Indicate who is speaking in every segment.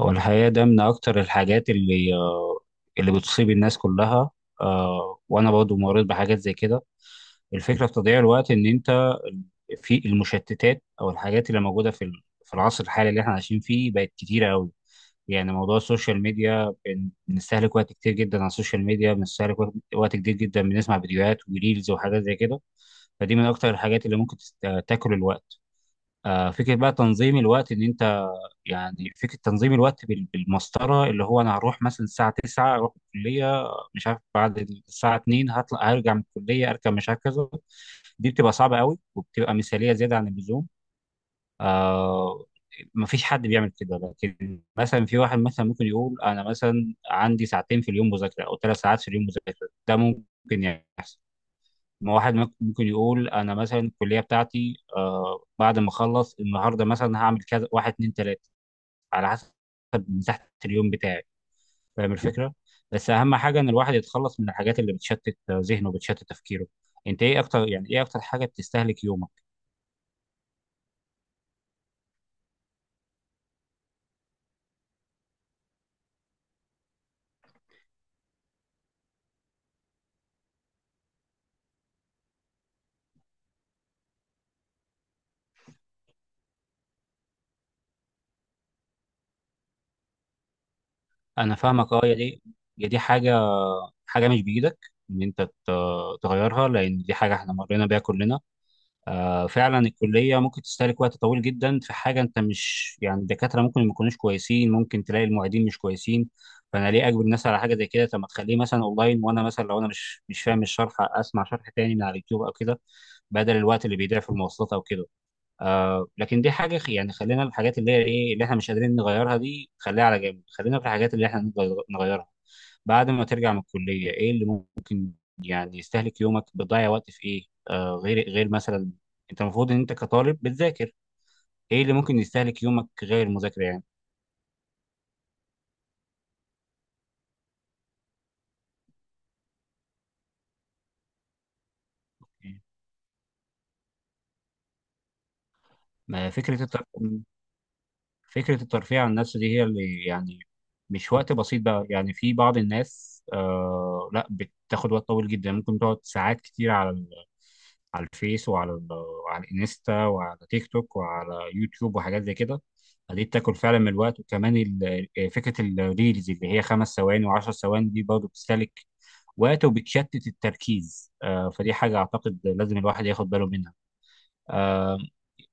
Speaker 1: هو الحقيقة ده من أكتر الحاجات اللي اللي بتصيب الناس كلها. وأنا برضو مريت بحاجات زي كده. الفكرة في تضييع الوقت إن أنت في المشتتات أو الحاجات اللي موجودة في العصر الحالي اللي إحنا عايشين فيه بقت كتيرة أوي. يعني موضوع السوشيال ميديا بنستهلك وقت كتير جدا على السوشيال ميديا بنستهلك وقت كتير جدا، بنسمع فيديوهات وريلز وحاجات زي كده. فدي من أكتر الحاجات اللي ممكن تاكل الوقت. فكرة بقى تنظيم الوقت إن أنت، يعني فكرة تنظيم الوقت بالمسطرة اللي هو أنا هروح مثلا الساعة 9 أروح الكلية، مش عارف بعد الساعة 2 هطلع هرجع من الكلية أركب مش عارف كذا. دي بتبقى صعبة قوي وبتبقى مثالية زيادة عن اللزوم. آه مفيش حد بيعمل كده. لكن مثلا في واحد مثلا ممكن يقول أنا مثلا عندي ساعتين في اليوم مذاكرة أو ثلاث ساعات في اليوم مذاكرة، ده ممكن. يعني ما واحد ممكن يقول أنا مثلا الكلية بتاعتي بعد ما أخلص النهاردة مثلا هعمل كذا، واحد اتنين تلاتة، على حسب مساحه اليوم بتاعي. فاهم الفكره؟ بس اهم حاجه ان الواحد يتخلص من الحاجات اللي بتشتت ذهنه وبتشتت تفكيره. انت ايه اكتر، يعني ايه اكتر حاجه بتستهلك يومك؟ انا فاهمك. اه، يا دي يا دي حاجه، حاجه مش بايدك ان انت تغيرها، لان دي حاجه احنا مرينا بيها كلنا. فعلا الكلية ممكن تستهلك وقت طويل جدا في حاجة أنت مش، يعني الدكاترة ممكن ما يكونوش كويسين، ممكن تلاقي المعيدين مش كويسين. فأنا ليه أجبر الناس على حاجة زي كده؟ طب ما تخليه مثلا أونلاين، وأنا مثلا لو أنا مش فاهم الشرح أسمع شرح تاني من على اليوتيوب أو كده، بدل الوقت اللي بيضيع في المواصلات أو كده. لكن دي حاجة يعني خلينا الحاجات اللي هي إيه، اللي إحنا مش قادرين نغيرها دي خليها على جنب، خلينا في الحاجات اللي إحنا نقدر نغيرها. بعد ما ترجع من الكلية إيه اللي يعني يستهلك يومك، بتضيع وقت في ايه غير مثلا؟ انت المفروض ان انت كطالب بتذاكر، ايه اللي ممكن يستهلك يومك غير المذاكره يعني؟ ما فكره الترفيه، فكرة الترفيه عن النفس دي هي اللي يعني مش وقت بسيط بقى، يعني في بعض الناس لا بتاخد وقت طويل جدا، ممكن تقعد ساعات كتير على الفيس وعلى الانستا وعلى تيك توك وعلى يوتيوب وحاجات زي كده. دي بتاكل فعلا من الوقت، وكمان فكرة الريلز اللي هي خمس ثواني وعشر ثواني دي برضه بتستهلك وقت وبتشتت التركيز. فدي حاجة أعتقد لازم الواحد ياخد باله منها.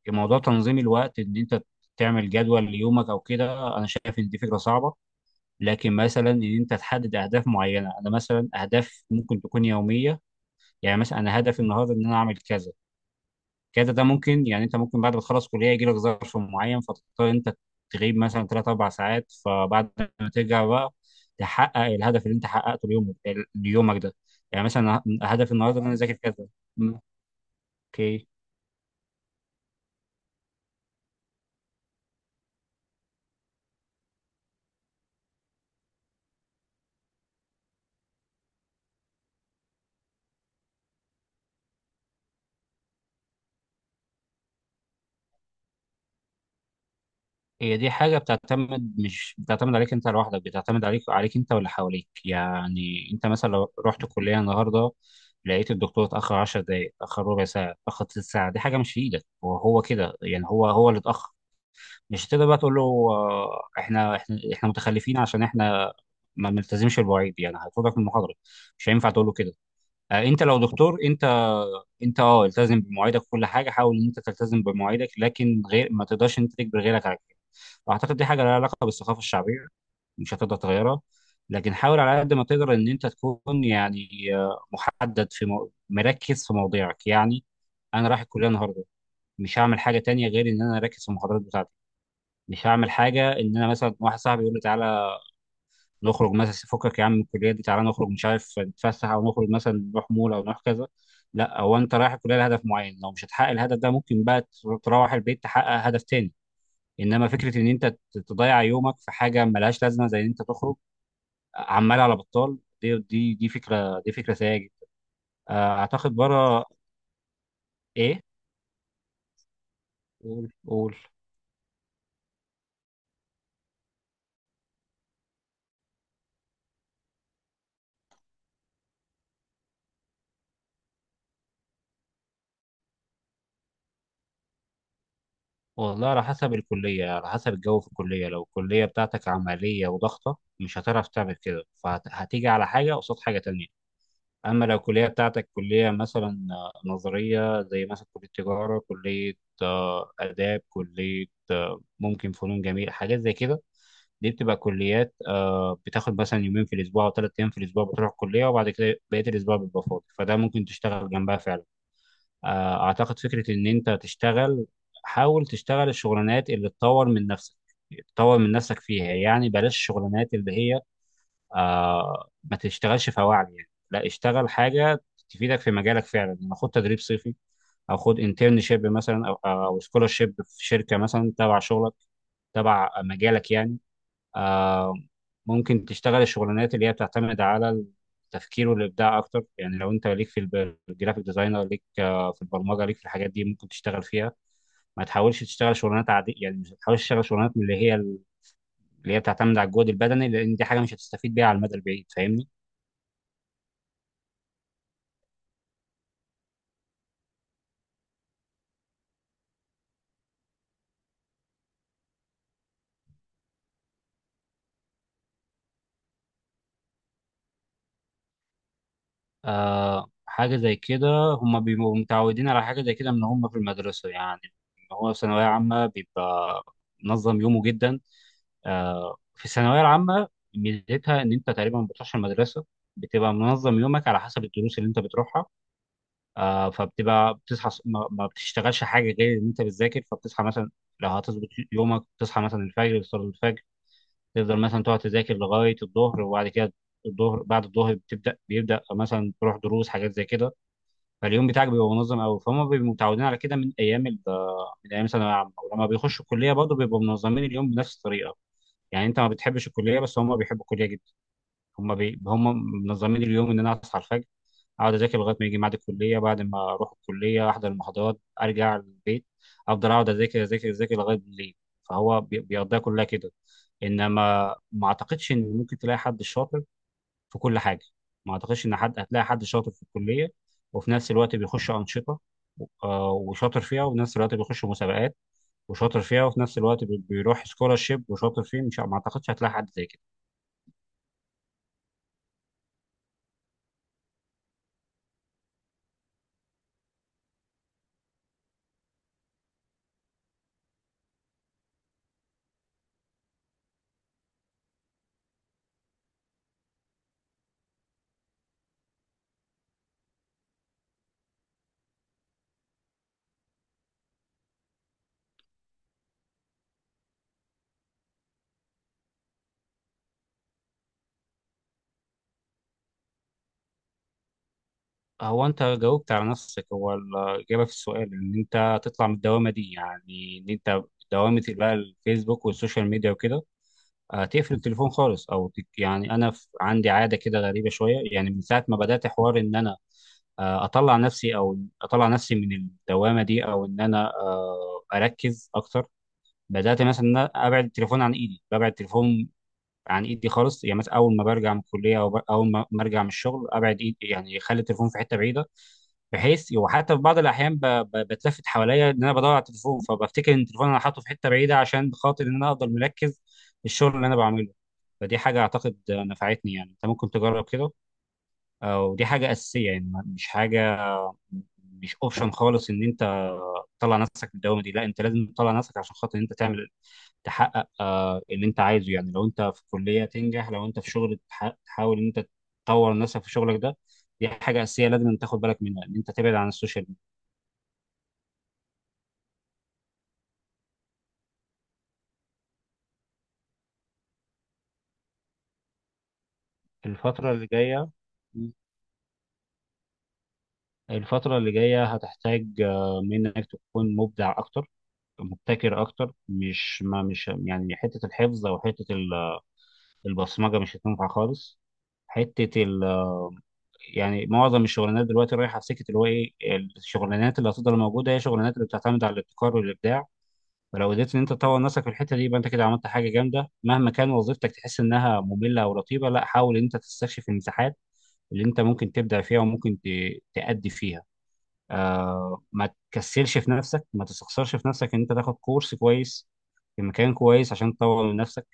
Speaker 1: موضوع تنظيم الوقت ان انت تعمل جدول ليومك او كده، انا شايف ان دي فكره صعبه، لكن مثلا ان انت تحدد اهداف معينه، انا مثلا اهداف ممكن تكون يوميه. يعني مثلا انا هدفي النهارده ان انا اعمل كذا كذا، ده ممكن. يعني انت ممكن بعد ما تخلص كليه يجي لك ظرف معين فتضطر انت تغيب مثلا 3 4 ساعات، فبعد ما ترجع بقى تحقق الهدف اللي انت حققته اليوم ليومك ده. يعني مثلا هدفي النهارده ان انا اذاكر كذا. م، اوكي. هي دي حاجة بتعتمد، مش بتعتمد عليك انت لوحدك، بتعتمد عليك انت واللي حواليك. يعني انت مثلا لو رحت الكلية النهاردة لقيت الدكتور اتأخر 10 دقايق، اتأخر ربع ساعة، اتأخر تلت ساعة، دي حاجة مش في ايدك، وهو كده يعني هو اللي اتأخر. مش هتقدر بقى تقول له احنا متخلفين عشان احنا ما بنلتزمش بالمواعيد، يعني هيطردك من المحاضرة، مش هينفع تقول له كده. انت لو دكتور، انت انت التزم بمواعيدك، وكل حاجه حاول ان انت تلتزم بمواعيدك، لكن غير ما تقدرش ان انت تجبر غيرك على كده. اعتقد دي حاجه لها علاقه بالثقافه الشعبيه، مش هتقدر تغيرها، لكن حاول على قد ما تقدر ان انت تكون يعني مركز في مواضيعك. يعني انا رايح الكليه النهارده، مش هعمل حاجه تانية غير ان انا اركز في المحاضرات بتاعتي، مش هعمل حاجه ان انا مثلا واحد صاحبي يقول لي تعالى نخرج مثلا، فكك يا عم من الكليه دي تعالى نخرج مش عارف نتفسح، او نخرج مثلا نروح مول او نروح كذا. لا، هو انت رايح الكليه لهدف معين، لو مش هتحقق الهدف ده ممكن بقى تروح البيت تحقق هدف تاني. انما فكره ان انت تضيع يومك في حاجه ملهاش لازمه زي ان انت تخرج عمال على بطال، دي دي فكره سيئه جدا. اعتقد بره. ايه؟ قول قول. والله على حسب الكلية، على حسب الجو في الكلية. لو الكلية بتاعتك عملية وضغطة مش هتعرف تعمل كده، فهتيجي على حاجة قصاد حاجة تانية. أما لو الكلية بتاعتك كلية مثلا نظرية، زي مثلا كلية تجارة، كلية آداب، كلية ممكن فنون جميلة، حاجات زي كده، دي بتبقى كليات بتاخد مثلا يومين في الأسبوع أو ثلاث أيام في الأسبوع بتروح الكلية، وبعد كده بقية الأسبوع بيبقى فاضي، فده ممكن تشتغل جنبها فعلا. أعتقد فكرة إن أنت تشتغل، حاول تشتغل الشغلانات اللي تطور من نفسك، تطور من نفسك فيها. يعني بلاش الشغلانات اللي هي ما تشتغلش فواعل. يعني لا، اشتغل حاجه تفيدك في مجالك فعلا، يعني خد تدريب صيفي، او خد انترنشيب مثلا، او او سكولرشيب في شركه مثلا تبع شغلك، تبع مجالك يعني. آه ممكن تشتغل الشغلانات اللي هي بتعتمد على التفكير والابداع اكتر. يعني لو انت ليك الجرافيك ديزاينر، ليك في البرمجه، ليك في الحاجات دي، ممكن تشتغل فيها. ما تحاولش تشتغل شغلانات عادية، يعني مش تحاولش تشتغل شغلانات من اللي هي اللي هي بتعتمد على الجهد البدني، لان دي حاجه مش هتستفيد بيها على المدى البعيد. فاهمني؟ حاجة زي كده هم بيبقوا متعودين على حاجة زي كده من هم في المدرسة. يعني هو في ثانوية عامة بيبقى منظم يومه جدا. في الثانوية العامة ميزتها إن أنت تقريبا ما بتروحش المدرسة، بتبقى منظم يومك على حسب الدروس اللي أنت بتروحها. فبتبقى بتصحى ما بتشتغلش حاجة غير إن أنت بتذاكر، فبتصحى مثلا، لو هتظبط يومك، تصحى مثلا الفجر تصلي الفجر، تفضل مثلا تقعد تذاكر لغاية الظهر، وبعد كده الظهر بعد الظهر بتبدأ بيبدأ مثلا تروح دروس حاجات زي كده، فاليوم بتاعك بيبقى منظم قوي. فهم بيبقوا متعودين على كده من ايام ثانويه عامه، ولما بيخشوا الكليه برضه بيبقوا منظمين اليوم بنفس الطريقه. يعني انت ما بتحبش الكليه، بس هم بيحبوا الكليه جدا، هم منظمين اليوم ان انا اصحى الفجر اقعد اذاكر لغايه ما يجي ميعاد الكليه، بعد ما اروح الكليه احضر المحاضرات ارجع البيت افضل اقعد اذاكر اذاكر لغايه بالليل. فهو بيقضيها كلها كده. انما ما اعتقدش ان ممكن تلاقي حد شاطر في كل حاجه، ما اعتقدش ان حد هتلاقي حد شاطر في الكليه وفي نفس الوقت بيخش انشطه وشاطر فيها، وفي نفس الوقت بيخش مسابقات وشاطر فيها، وفي نفس الوقت بيروح سكولارشيب وشاطر فيه. مش، ما اعتقدش هتلاقي حد زي كده. هو انت جاوبت على نفسك، هو الاجابه في السؤال ان انت تطلع من الدوامه دي، يعني ان انت دوامه بقى الفيسبوك والسوشيال ميديا وكده. تقفل التليفون خالص او يعني انا عندي عاده كده غريبه شويه، يعني من ساعه ما بدات حوار ان انا اطلع نفسي، او اطلع نفسي من الدوامه دي، او ان انا اركز اكتر، بدات مثلا ان انا ابعد التليفون عن ايدي، ببعد التليفون عن ايدي خالص. يعني مثلا اول ما برجع من الكليه، او اول ما ارجع من الشغل ابعد ايدي، يعني اخلي التليفون في حته بعيده، بحيث وحتى في بعض الاحيان بتلفت حواليا ان انا بدور على التليفون، فبفتكر ان التليفون انا حاطه في حته بعيده عشان خاطر ان انا افضل مركز في الشغل اللي انا بعمله. فدي حاجه اعتقد نفعتني، يعني انت ممكن تجرب كده. ودي حاجه اساسيه، يعني مش حاجه مش اوبشن خالص ان انت تطلع نفسك من الدوامه دي، لا انت لازم تطلع نفسك عشان خاطر ان انت تعمل، تحقق اللي انت عايزه. يعني لو انت في كليه تنجح، لو انت في شغل تحاول ان انت تطور نفسك في شغلك ده. دي حاجه اساسيه لازم أن تاخد بالك منها، ان انت تبعد عن السوشيال ميديا. الفتره اللي جايه، الفتره اللي جايه هتحتاج منك تكون مبدع اكتر، مبتكر اكتر. مش، ما مش يعني حته الحفظ او حته البصمجه مش هتنفع خالص. حته ال يعني معظم الشغلانات دلوقتي رايحه في سكه اللي هو ايه، الشغلانات اللي هتفضل موجوده هي الشغلانات اللي بتعتمد على الابتكار والابداع. فلو قدرت ان انت تطور نفسك في الحته دي يبقى انت كده عملت حاجه جامده. مهما كان وظيفتك تحس انها ممله او رتيبه، لا حاول ان انت تستكشف المساحات اللي انت ممكن تبدع فيها وممكن تأدي فيها. ما تكسلش في نفسك، ما تستخسرش في نفسك ان انت تاخد كورس كويس في مكان كويس عشان تطور من نفسك.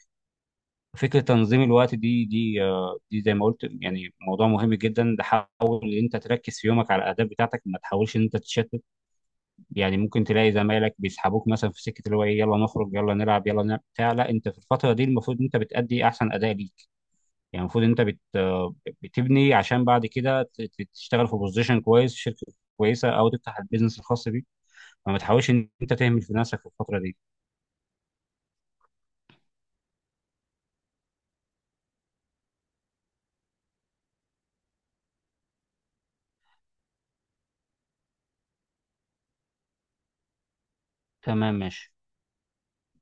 Speaker 1: فكرة تنظيم الوقت دي زي ما قلت يعني موضوع مهم جدا. ده حاول ان انت تركز في يومك على الاهداف بتاعتك، ما تحاولش ان انت تتشتت، يعني ممكن تلاقي زمايلك بيسحبوك مثلا في سكة اللي هو ايه يلا نخرج يلا نلعب يلا نعمل بتاع. لا، انت في الفترة دي المفروض ان انت بتأدي احسن اداء ليك، يعني المفروض ان انت بت آه، بتبني عشان بعد كده تشتغل في بوزيشن كويس، شركة كويسة، او تفتح البيزنس الخاص بيك. فما تحاولش ان انت تهمل في نفسك في الفترة دي. تمام ماشي.